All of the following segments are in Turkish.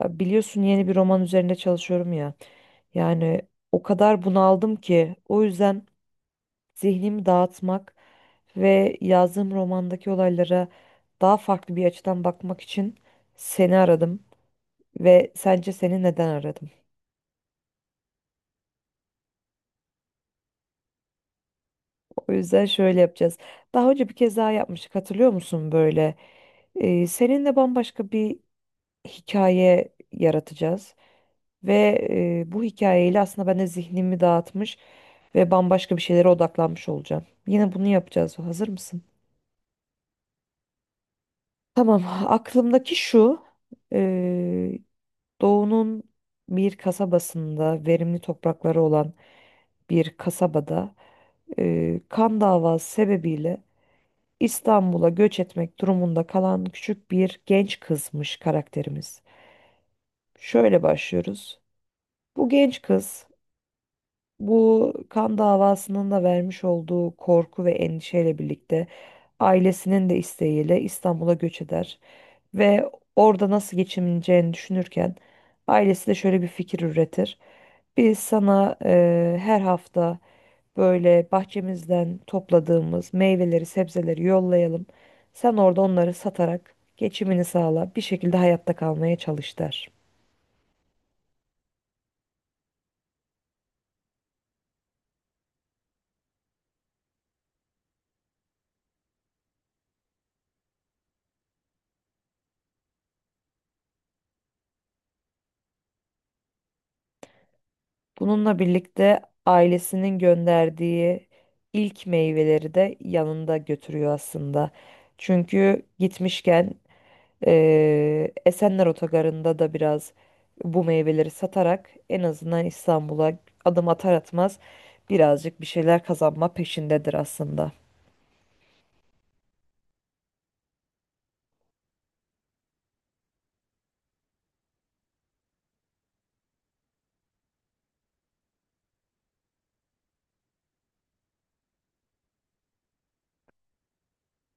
Ya, biliyorsun yeni bir roman üzerinde çalışıyorum ya. Yani o kadar bunaldım ki o yüzden zihnimi dağıtmak ve yazdığım romandaki olaylara daha farklı bir açıdan bakmak için seni aradım ve sence seni neden aradım? O yüzden şöyle yapacağız. Daha önce bir kez daha yapmıştık, hatırlıyor musun böyle? Seninle bambaşka bir hikaye yaratacağız. Ve bu hikayeyle aslında ben de zihnimi dağıtmış ve bambaşka bir şeylere odaklanmış olacağım. Yine bunu yapacağız. Hazır mısın? Tamam. Aklımdaki şu. e, Doğu'nun bir kasabasında, verimli toprakları olan bir kasabada, kan davası sebebiyle İstanbul'a göç etmek durumunda kalan küçük bir genç kızmış karakterimiz. Şöyle başlıyoruz. Bu genç kız, bu kan davasının da vermiş olduğu korku ve endişeyle birlikte ailesinin de isteğiyle İstanbul'a göç eder ve orada nasıl geçineceğini düşünürken ailesi de şöyle bir fikir üretir. Biz sana her hafta böyle bahçemizden topladığımız meyveleri, sebzeleri yollayalım. Sen orada onları satarak geçimini sağla, bir şekilde hayatta kalmaya çalış der. Bununla birlikte ailesinin gönderdiği ilk meyveleri de yanında götürüyor aslında. Çünkü gitmişken Esenler Otogarı'nda da biraz bu meyveleri satarak en azından İstanbul'a adım atar atmaz birazcık bir şeyler kazanma peşindedir aslında.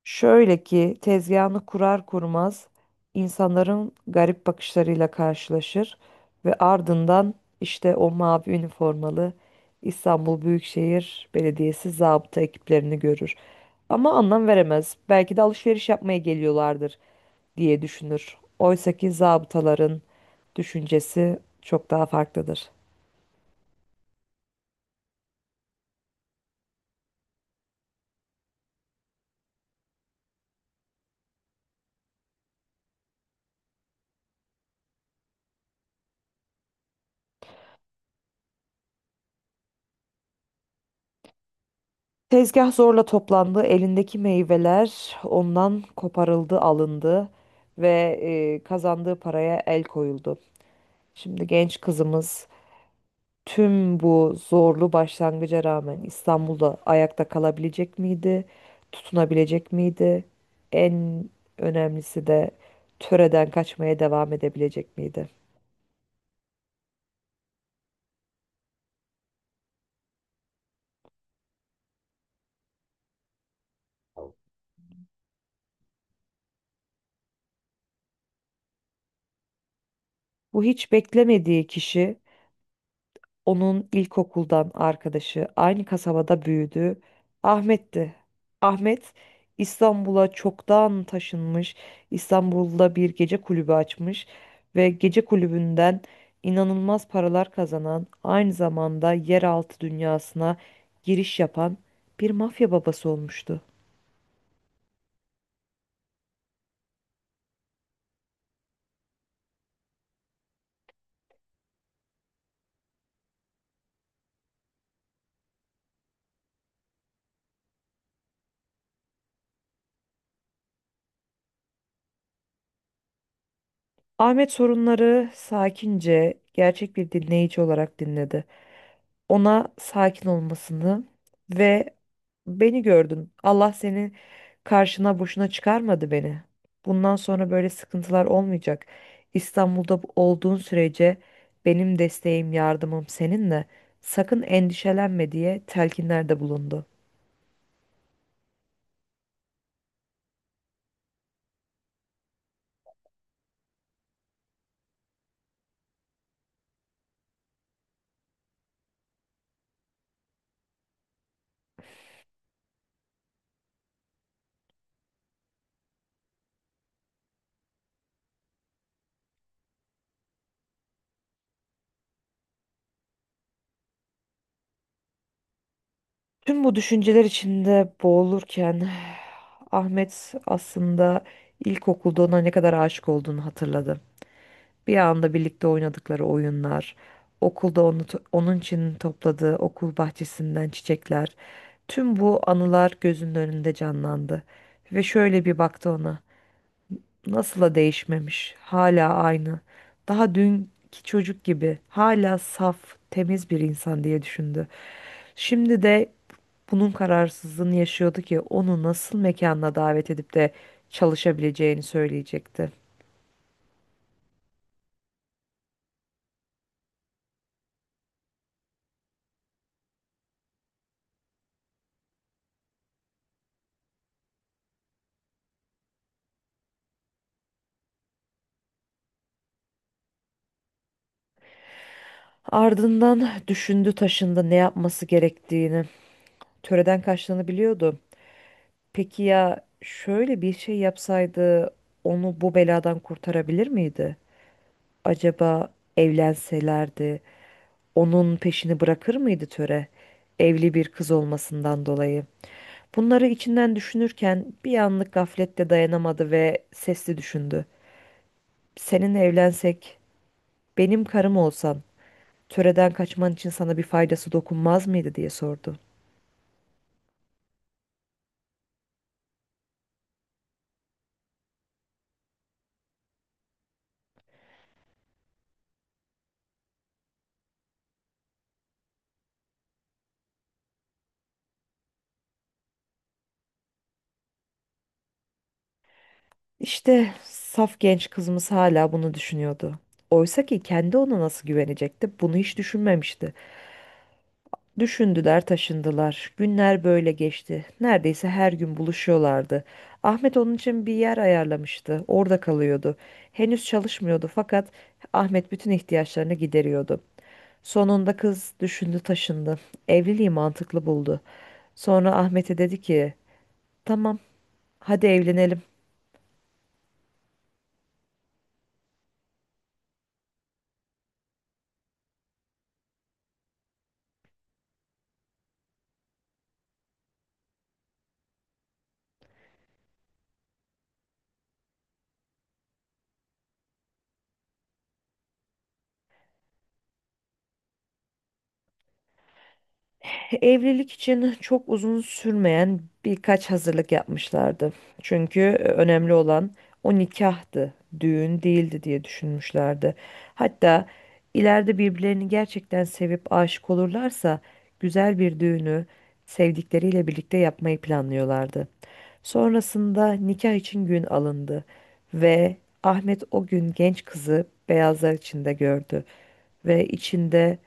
Şöyle ki tezgahını kurar kurmaz insanların garip bakışlarıyla karşılaşır ve ardından işte o mavi üniformalı İstanbul Büyükşehir Belediyesi zabıta ekiplerini görür. Ama anlam veremez. Belki de alışveriş yapmaya geliyorlardır diye düşünür. Oysaki zabıtaların düşüncesi çok daha farklıdır. Tezgah zorla toplandı, elindeki meyveler ondan koparıldı, alındı ve kazandığı paraya el koyuldu. Şimdi genç kızımız tüm bu zorlu başlangıca rağmen İstanbul'da ayakta kalabilecek miydi? Tutunabilecek miydi? En önemlisi de töreden kaçmaya devam edebilecek miydi? Bu hiç beklemediği kişi, onun ilkokuldan arkadaşı, aynı kasabada büyüdü. Ahmet'ti. Ahmet İstanbul'a çoktan taşınmış. İstanbul'da bir gece kulübü açmış ve gece kulübünden inanılmaz paralar kazanan, aynı zamanda yeraltı dünyasına giriş yapan bir mafya babası olmuştu. Ahmet sorunları sakince, gerçek bir dinleyici olarak dinledi. Ona sakin olmasını ve beni gördün. Allah seni karşına boşuna çıkarmadı beni. Bundan sonra böyle sıkıntılar olmayacak. İstanbul'da olduğun sürece benim desteğim, yardımım seninle. Sakın endişelenme diye telkinlerde bulundu. Tüm bu düşünceler içinde boğulurken Ahmet aslında ilkokulda ona ne kadar aşık olduğunu hatırladı. Bir anda birlikte oynadıkları oyunlar, okulda onu, onun için topladığı okul bahçesinden çiçekler, tüm bu anılar gözünün önünde canlandı. Ve şöyle bir baktı ona. Nasıl da değişmemiş, hala aynı. Daha dünkü çocuk gibi, hala saf, temiz bir insan diye düşündü. Şimdi de bunun kararsızlığını yaşıyordu ki onu nasıl mekanına davet edip de çalışabileceğini söyleyecekti. Ardından düşündü taşındı ne yapması gerektiğini. Töreden kaçtığını biliyordu. Peki ya şöyle bir şey yapsaydı onu bu beladan kurtarabilir miydi? Acaba evlenselerdi onun peşini bırakır mıydı töre? Evli bir kız olmasından dolayı. Bunları içinden düşünürken bir anlık gaflette dayanamadı ve sesli düşündü. Seninle evlensek, benim karım olsan, töreden kaçman için sana bir faydası dokunmaz mıydı diye sordu. İşte saf genç kızımız hala bunu düşünüyordu. Oysa ki kendi ona nasıl güvenecekti, bunu hiç düşünmemişti. Düşündüler, taşındılar. Günler böyle geçti. Neredeyse her gün buluşuyorlardı. Ahmet onun için bir yer ayarlamıştı. Orada kalıyordu. Henüz çalışmıyordu fakat Ahmet bütün ihtiyaçlarını gideriyordu. Sonunda kız düşündü, taşındı. Evliliği mantıklı buldu. Sonra Ahmet'e dedi ki, "Tamam, hadi evlenelim." Evlilik için çok uzun sürmeyen birkaç hazırlık yapmışlardı. Çünkü önemli olan o nikahtı, düğün değildi diye düşünmüşlerdi. Hatta ileride birbirlerini gerçekten sevip aşık olurlarsa güzel bir düğünü sevdikleriyle birlikte yapmayı planlıyorlardı. Sonrasında nikah için gün alındı ve Ahmet o gün genç kızı beyazlar içinde gördü ve içinde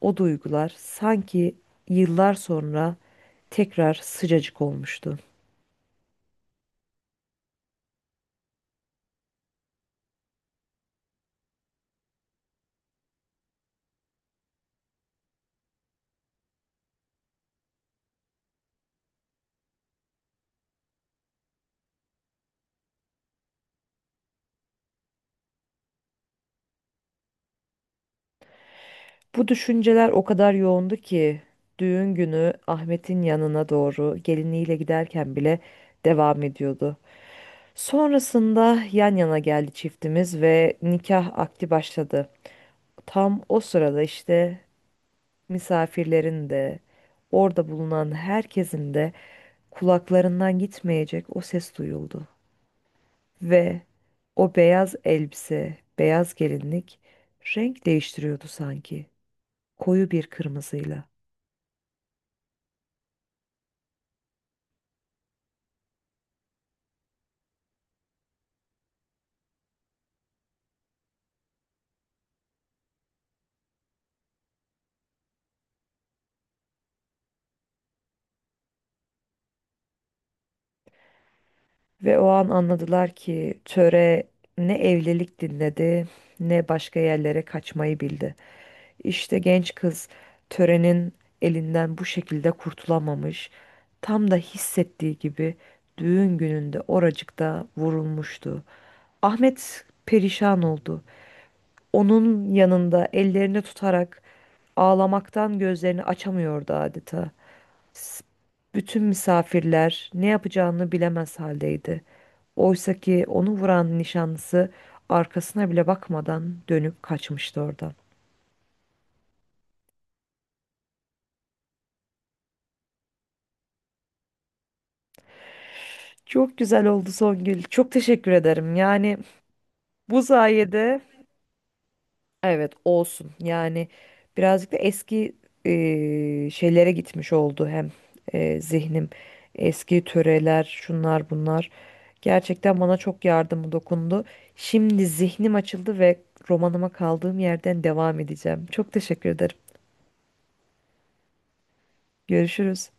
o duygular sanki yıllar sonra tekrar sıcacık olmuştu. Bu düşünceler o kadar yoğundu ki düğün günü Ahmet'in yanına doğru geliniyle giderken bile devam ediyordu. Sonrasında yan yana geldi çiftimiz ve nikah akdi başladı. Tam o sırada işte misafirlerin de, orada bulunan herkesin de kulaklarından gitmeyecek o ses duyuldu. Ve o beyaz elbise, beyaz gelinlik renk değiştiriyordu sanki. Koyu bir kırmızıyla. Ve o an anladılar ki töre ne evlilik dinledi, ne başka yerlere kaçmayı bildi. İşte genç kız törenin elinden bu şekilde kurtulamamış. Tam da hissettiği gibi düğün gününde oracıkta vurulmuştu. Ahmet perişan oldu. Onun yanında ellerini tutarak ağlamaktan gözlerini açamıyordu adeta. S- Bütün misafirler ne yapacağını bilemez haldeydi. Oysa ki onu vuran nişanlısı arkasına bile bakmadan dönüp kaçmıştı oradan. Çok güzel oldu Songül. Çok teşekkür ederim. Yani bu sayede... Evet, olsun yani, birazcık da eski şeylere gitmiş oldu hem. Zihnim, eski töreler, şunlar bunlar, gerçekten bana çok yardımı dokundu. Şimdi zihnim açıldı ve romanıma kaldığım yerden devam edeceğim. Çok teşekkür ederim. Görüşürüz.